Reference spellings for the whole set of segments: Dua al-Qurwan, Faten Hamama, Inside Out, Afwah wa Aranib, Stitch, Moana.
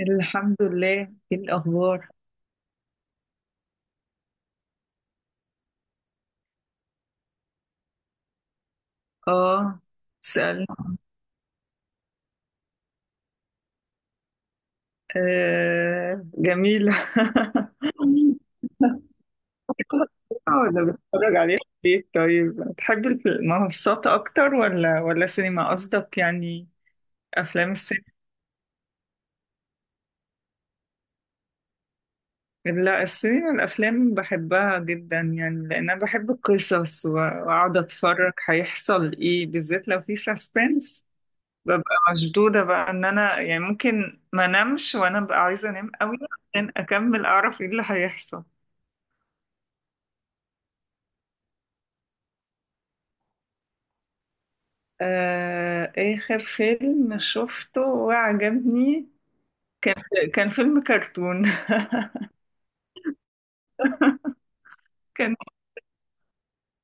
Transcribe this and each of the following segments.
الحمد لله. ايه الاخبار؟ اه، سأل. آه، جميلة. ولا بتتفرج عليها في البيت؟ طيب، بتحب المنصات اكتر ولا سينما؟ قصدك يعني افلام السينما؟ لا، السينما الافلام بحبها جدا يعني لان انا بحب القصص واقعد اتفرج هيحصل ايه، بالذات لو في سسبنس. ببقى مشدودة بقى ان انا يعني ممكن ما نمش، وانا ببقى عايزة انام قوي عشان اكمل اعرف ايه اللي هيحصل. آه، اخر فيلم شفته وعجبني كان فيلم كرتون. كان،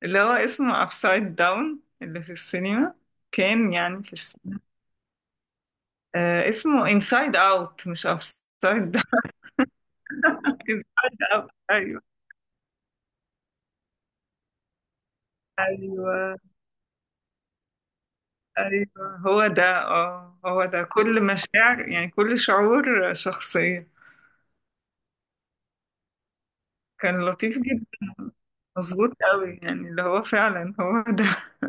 اللي هو اسمه ابسايد داون اللي في السينما. كان يعني في السينما. آه، اسمه انسايد اوت، مش ابسايد داون. انسايد اوت. ايوه. ايوه، ايوه، هو ده. اه، هو ده كل مشاعر يعني كل شعور شخصية. كان لطيف جدا. مظبوط قوي يعني، اللي هو فعلا هو ده.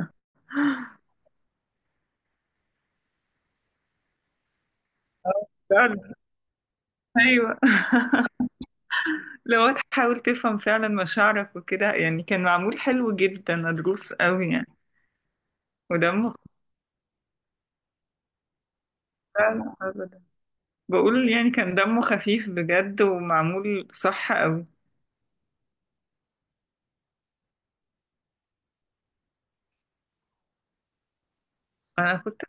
فعلا. ايوه، لو تحاول تفهم فعلا مشاعرك وكده يعني كان معمول حلو جدا، مدروس قوي يعني. ودمه فعلا، ابدا. بقول يعني كان دمه خفيف بجد ومعمول صح قوي. انا كنت.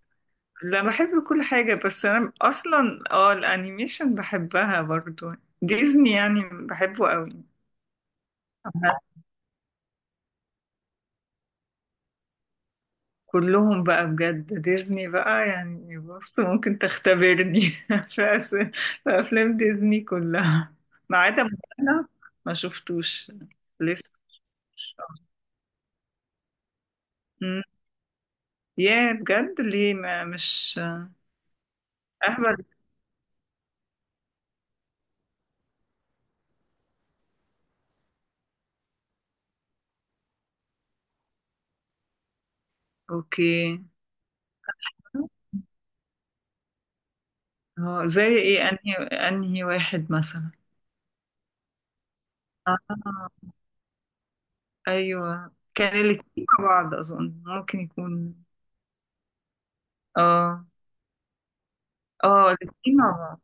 لا، بحب كل حاجة، بس انا اصلا الانيميشن بحبها برضو. ديزني يعني بحبه قوي. كلهم بقى بجد، ديزني بقى يعني بص ممكن تختبرني. في أفلام ديزني كلها ما عدا موانا، ما شفتوش لسه. مم. ياه، بجد، ليه؟ ما مش أهبل. أوكي. هو زي إيه؟ أنهي واحد مثلا؟ آه، أيوه، كان الاتنين مع بعض أظن، ممكن يكون. آه. آه، الاتنين مع بعض.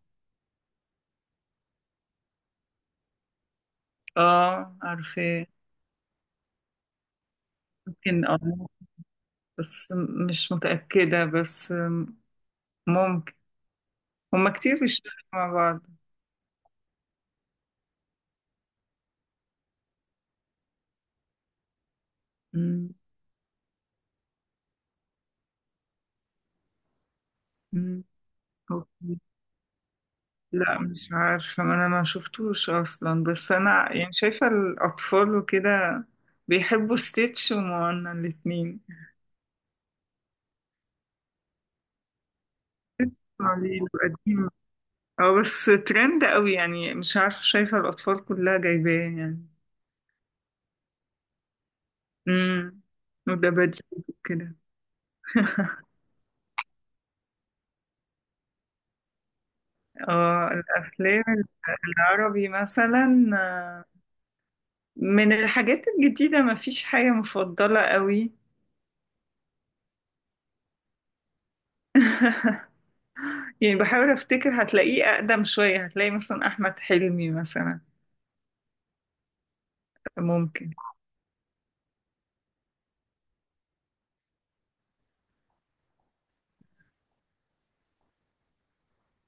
آه، عارفة. ممكن. آه، بس مش متأكدة، بس ممكن. هما كتير بيشتغلوا مع بعض. مم. مم. أوكي. لا، مش عارفة، ما أنا ما شفتوش أصلا، بس أنا يعني شايفة الأطفال وكده بيحبوا ستيتش وموانا الاتنين. ستيتش قليل وقديم. اه، بس ترند قوي يعني، مش عارفة، شايفة الأطفال كلها جايباه يعني. امم وده بدري كده. اه، الأفلام العربي مثلا. من الحاجات الجديدة مفيش حاجة مفضلة قوي. يعني بحاول افتكر، هتلاقيه اقدم شوية، هتلاقي مثلا احمد حلمي مثلا. ممكن.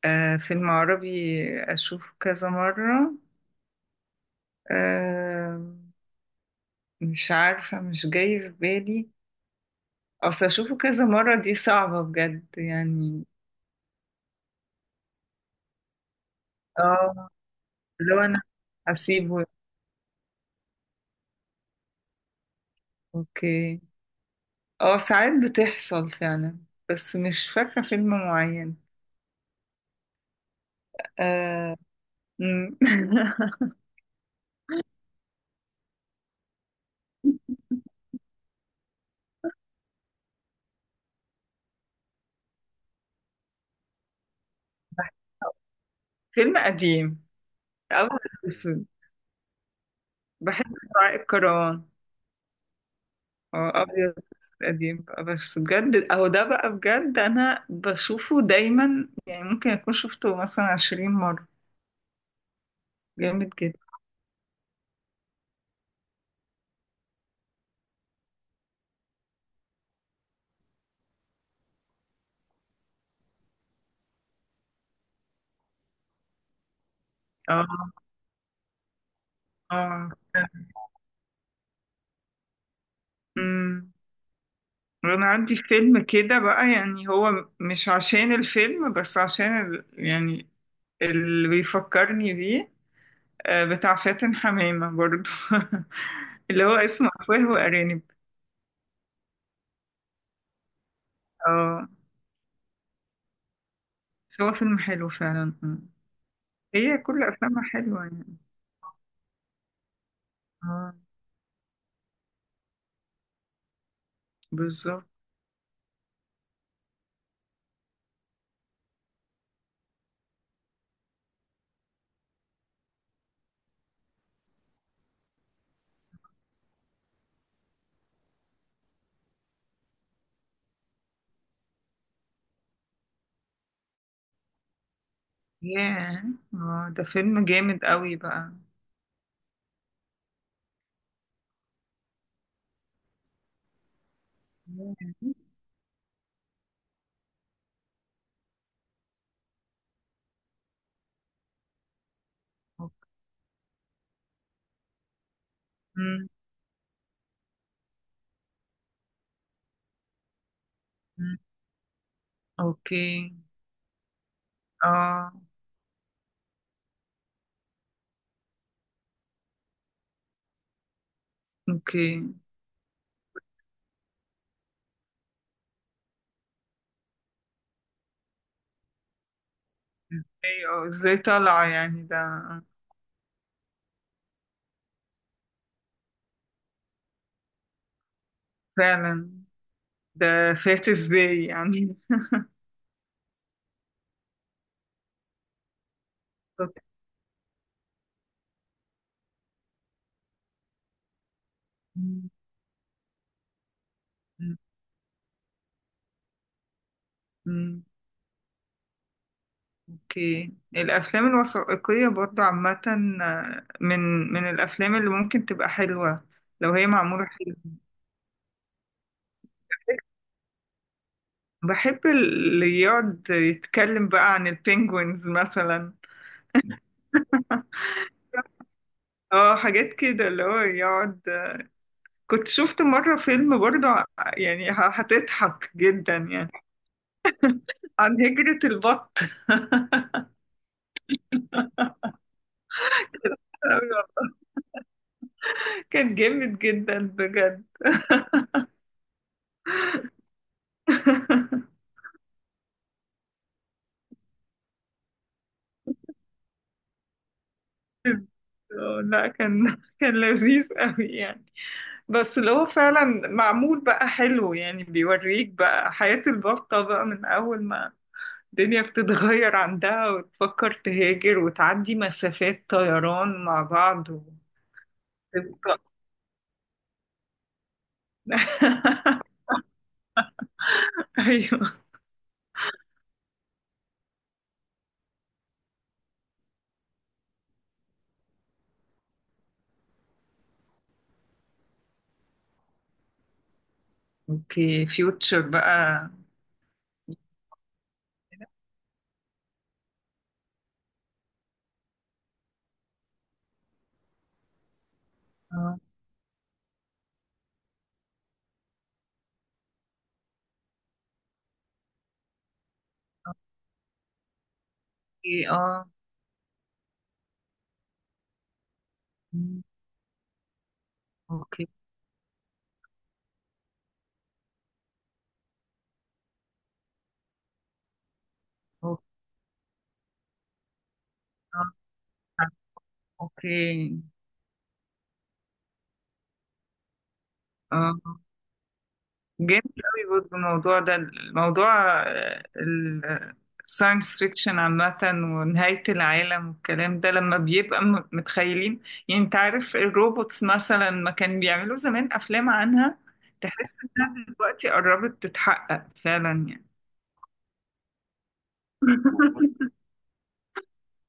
آه، فيلم عربي اشوفه كذا مرة؟ آه، مش عارفة، مش جاي في بالي. اصل اشوفه كذا مرة دي صعبة بجد يعني. اه، لو انا هسيبه. اوكي. اه، ساعات بتحصل فعلا، بس مش فاكرة فيلم معين. آه. مم. فيلم قديم، أبيض وأسود. بحب دعاء الكروان. هو أبيض وأسود قديم بقى، بس بجد أهو ده بقى، بجد أنا بشوفه دايما يعني ممكن أكون شفته مثلا 20 مرة. جامد جدا. اه، اه. أمم. أنا عندي فيلم كده بقى يعني هو مش عشان الفيلم، بس عشان يعني اللي بيفكرني بيه. آه، بتاع فاتن حمامة برضو. اللي هو اسمه أفواه وأرانب. اه، بس هو فيلم حلو فعلا. مم. هي كل أفلامها حلوة يعني. اه، بالظبط. ياه، اه، ده فيلم جامد قوي بقى. ياه. أوك- مم، مم. اوكي. اه، اوكي. ايوه، ازاي طالعة يعني ده؟ فعلا، ده فات ازاي يعني. بالظبط. مم، مم، مم. اوكي، الافلام الوثائقية برضو عامة. آه، من الافلام اللي ممكن تبقى حلوة، لو هي معمولة حلو. بحب اللي يقعد يتكلم بقى عن البينجوينز مثلا. اه، حاجات كده اللي هو يقعد. كنت شفت مرة فيلم برضه يعني هتضحك جدا يعني عن هجرة البط. كان جامد جدا بجد. آه، لا، كان لذيذ قوي يعني. بس اللي هو فعلا معمول بقى حلو يعني، بيوريك بقى حياة البطة بقى، من أول ما الدنيا بتتغير عندها وتفكر تهاجر وتعدي مسافات طيران مع بعض وتبقى. ايوه. اوكي، فيوتشر بقى. اه، اوكي. اه. مم. اوكي. اوكي. اه، اوكي. اه، جامد قوي برضه الموضوع ده، الموضوع الساينس فيكشن عامة ونهاية العالم والكلام ده، لما بيبقى متخيلين. يعني انت عارف الروبوتس مثلا، ما كان بيعملوا زمان أفلام عنها. تحس انها دلوقتي قربت تتحقق فعلا يعني.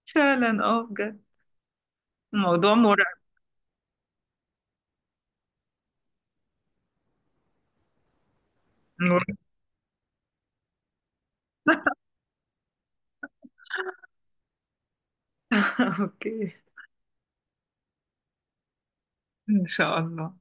فعلا، اه، بجد الموضوع مرعب. مرعب. اوكي. ان شاء الله.